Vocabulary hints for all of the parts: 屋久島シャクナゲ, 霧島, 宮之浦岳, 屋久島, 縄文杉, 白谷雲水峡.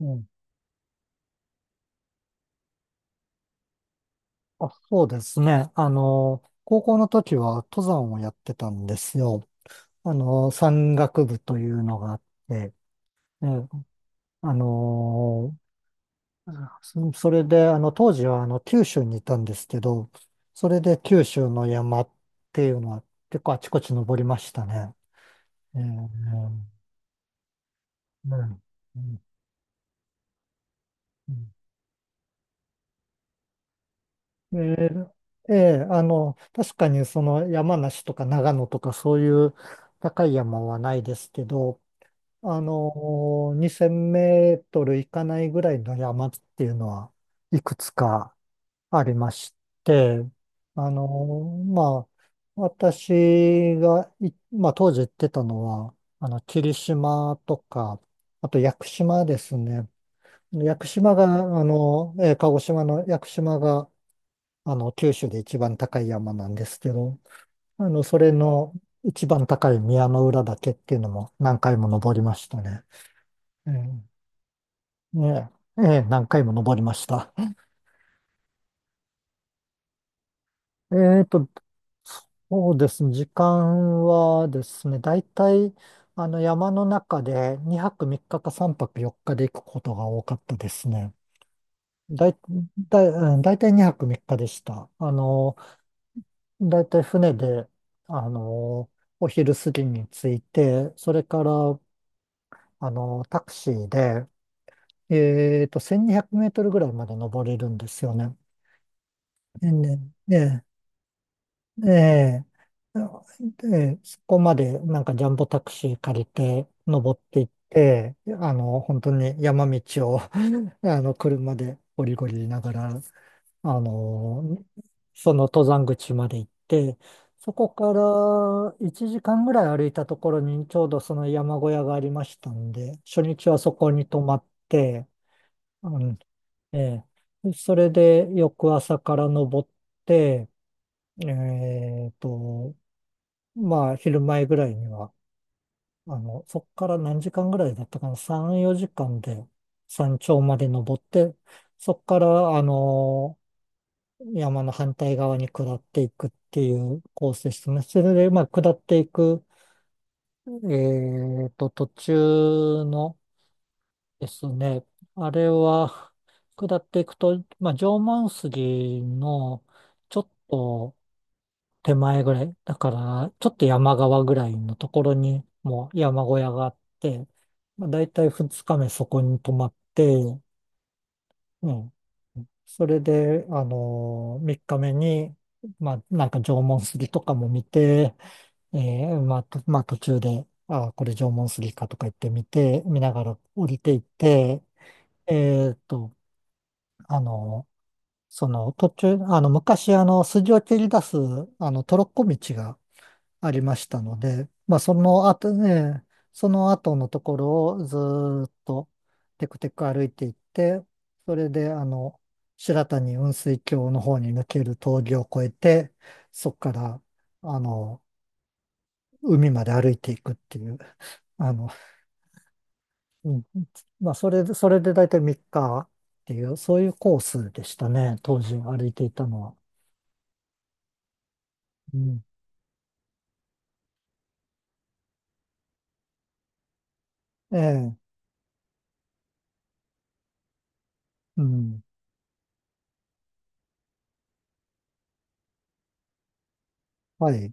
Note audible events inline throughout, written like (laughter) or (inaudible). うん。そうですね。高校の時は登山をやってたんですよ。山岳部というのがあって、えあの、それで、当時は九州にいたんですけど、それで九州の山っていうのは結構あちこち登りましたね。ええ、うん、うん、うんえ確かにその山梨とか長野とかそういう高い山はないですけど、あの、2000メートル行かないぐらいの山っていうのはいくつかありまして、あの、まあ、私がい、まあ、当時行ってたのは、霧島とか、あと屋久島ですね。屋久島が、鹿児島の屋久島が、九州で一番高い山なんですけど、それの一番高い宮之浦岳っていうのも何回も登りましたね。うん、ええ、ええ、何回も登りました。えっと、そうですね、時間はですね、大体、山の中で2泊3日か3泊4日で行くことが多かったですね。だい、だい、うん、大体2泊3日でした。大体船で、あの、お昼過ぎに着いて、それから、タクシーで、1200メートルぐらいまで登れるんですよね。ね、ねええ、で、そこまでなんかジャンボタクシー借りて登っていって、本当に山道を (laughs) 車でゴリゴリ言いながら、あの、その登山口まで行って、そこから1時間ぐらい歩いたところにちょうどその山小屋がありましたんで、初日はそこに泊まって、うん、ええ、それで翌朝から登って、えっと、まあ、昼前ぐらいには、そっから何時間ぐらいだったかな、3、4時間で山頂まで登って、そっから、山の反対側に下っていくっていうコースでしたね。それで、まあ、下っていく、途中のですね、あれは、下っていくと、まあ、縄文杉の、ちょっと、手前ぐらい。だから、ちょっと山側ぐらいのところに、もう山小屋があって、まあ、だいたい2日目そこに泊まって、うん。それで、3日目に、まあ、なんか縄文杉とかも見て、えまあ、とまあ、途中で、ああこれ縄文杉かとか言ってみて、見ながら降りていって、えーっと、あのその途中、昔、筋を切り出す、トロッコ道がありましたので、まあ、その後ね、その後のところをずーっとテクテク歩いていって、それで、白谷雲水峡の方に抜ける峠を越えて、そこから、あの、海まで歩いていくっていう、あの、うん、まあ、それで、それで大体3日っていう、そういうコースでしたね、当時歩いていたのは。うん、ええ、うん、はい。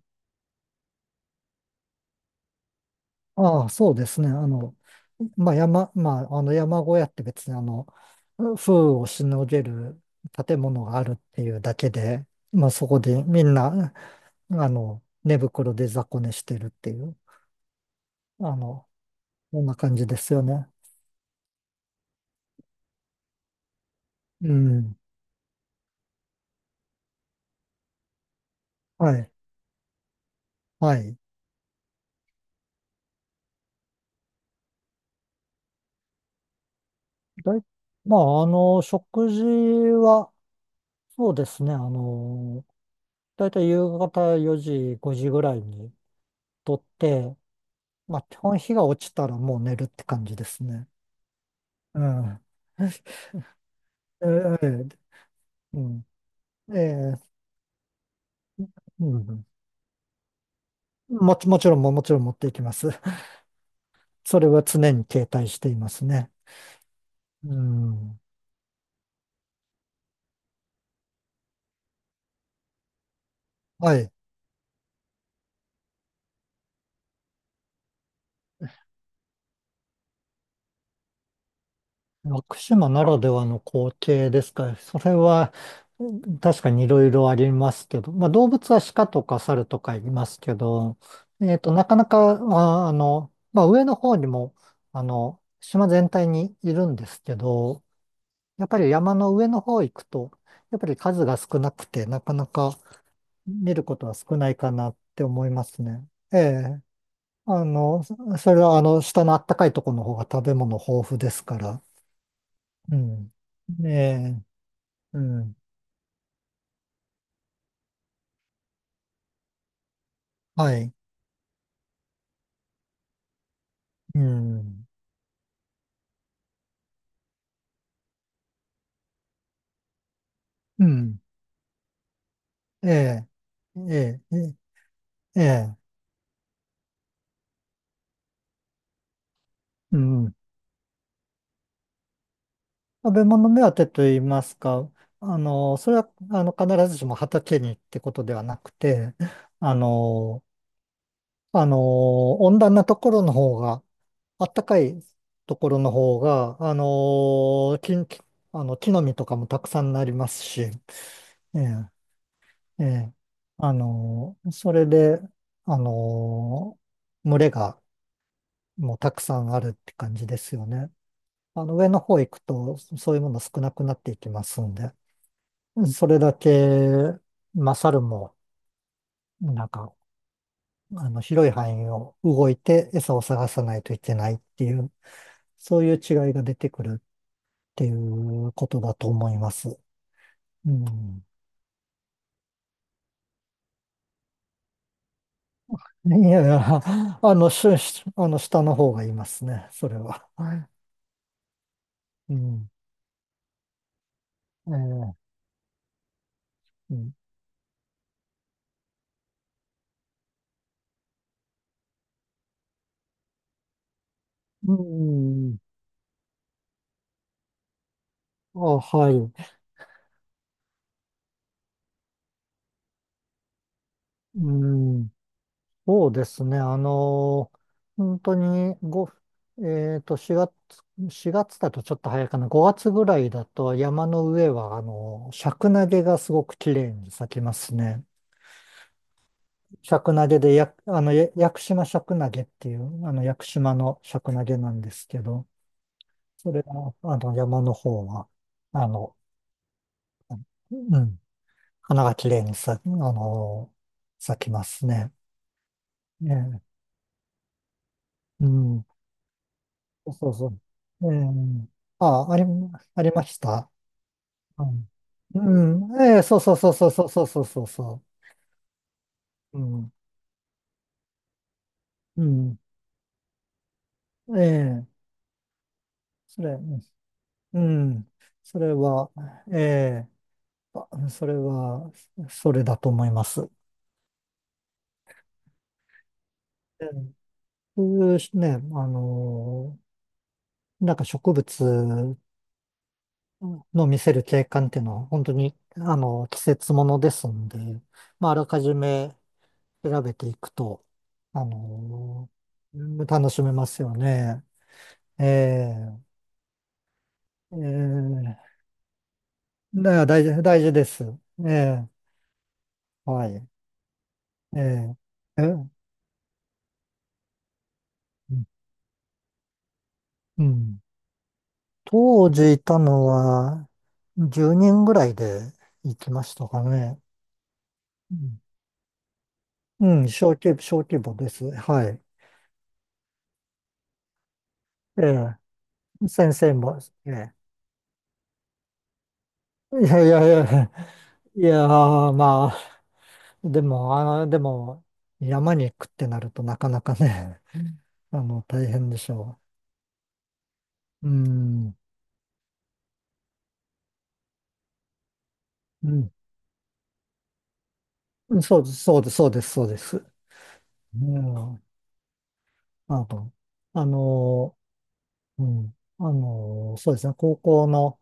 ああ、そうですね。まあ、まあ、山小屋って別に風雨をしのげる建物があるっていうだけで、まあ、そこでみんな、寝袋で雑魚寝してるっていう、あの、そんな感じですよね。うん。はい。はい。だい、まあ、食事は、そうですね。だいたい夕方4時、5時ぐらいにとって、まあ、基本日が落ちたらもう寝るって感じですね。ああ、ええ、うん、ええ、うん。もちろん持っていきます。(laughs) それは常に携帯していますね。うん。はい。屋島ならではの光景ですか。それは、うん、確かにいろいろありますけど、まあ動物は鹿とか猿とかいますけど、なかなか、まあ、まあ上の方にも、島全体にいるんですけど、やっぱり山の上の方行くと、やっぱり数が少なくて、なかなか見ることは少ないかなって思いますね。ええ。それは下のあったかいところの方が食べ物豊富ですから。うん。ええ。うん。はい。うん。うん。ええ。ええ。ええ。ええ、うん。食べ物目当てと言いますか、それは、必ずしも畑にってことではなくて、あの、あのー温暖なところの方が、暖かいところの方が、ー木、木木の実とかもたくさんなりますし、ええ、ええ、それで、あの群れがもうたくさんあるって感じですよね。上の方行くと、そういうもの少なくなっていきますんで、それだけ、まあ、猿も、なんか、広い範囲を動いて餌を探さないといけないっていう、そういう違いが出てくるっていうことだと思います。うん。いやいや、下の方がいますね、それは。うん。ええ、うん。うん。あ、はい。うん。そうですね。本当に、4月、4月だとちょっと早いかな。5月ぐらいだと山の上は、シャクナゲがすごく綺麗に咲きますね。シャクナゲで、や、あの、や屋久島シャクナゲっていう、屋久島のシャクナゲなんですけど、それの、山の方は、あの、うん、花が綺麗に咲、あの、咲きますね。ねえ、うん、そうそう。ええ、あ、あり、ありました。うん、うん、ええ、そうそうそうそうそうそうそうそうそう。うん、うん、ええ、それ、うん、それは、ええ、それは、それだと思います。うん、普通ね、の、なんか植物の見せる景観っていうのは本当に、季節ものですんで、まあ、あらかじめ調べていくと、あの、うん、楽しめますよね。ええ、ええ、だから大事、大事です。ええ、はい。えええ、うん。うん、当時いたのは10人ぐらいで行きましたかね。うん、うん、小規模です。はい。ええ、先生も、ええ。いやいやいや、いやー、まあ、でも、でも、山に行くってなるとなかなかね、大変でしょう。うん、うん、そうです、そうです、そうです、そうです。うん、あの、あの、うん、そうですね、高校の、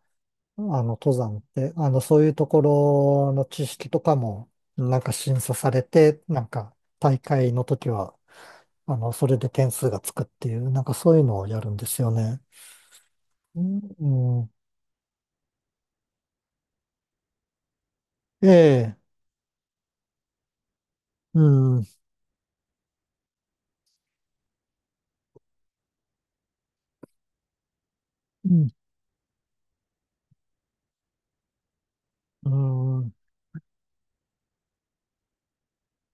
登山って、そういうところの知識とかも、なんか審査されて、なんか大会の時は、それで点数がつくっていう、なんかそういうのをやるんですよね。うん、うん、ええ、うん、うん、うん、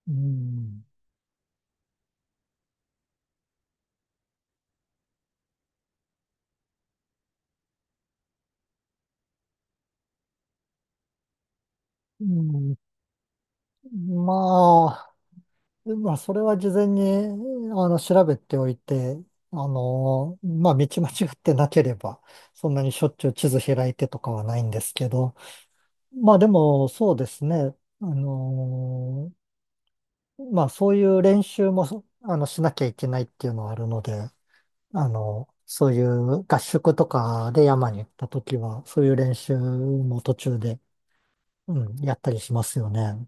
うん、うん、まあ、まあ、それは事前に、調べておいて、まあ、道間違ってなければ、そんなにしょっちゅう地図開いてとかはないんですけど、まあでも、そうですね。あのーまあそういう練習もそあのしなきゃいけないっていうのはあるので、そういう合宿とかで山に行った時は、そういう練習も途中で、うん、やったりしますよね。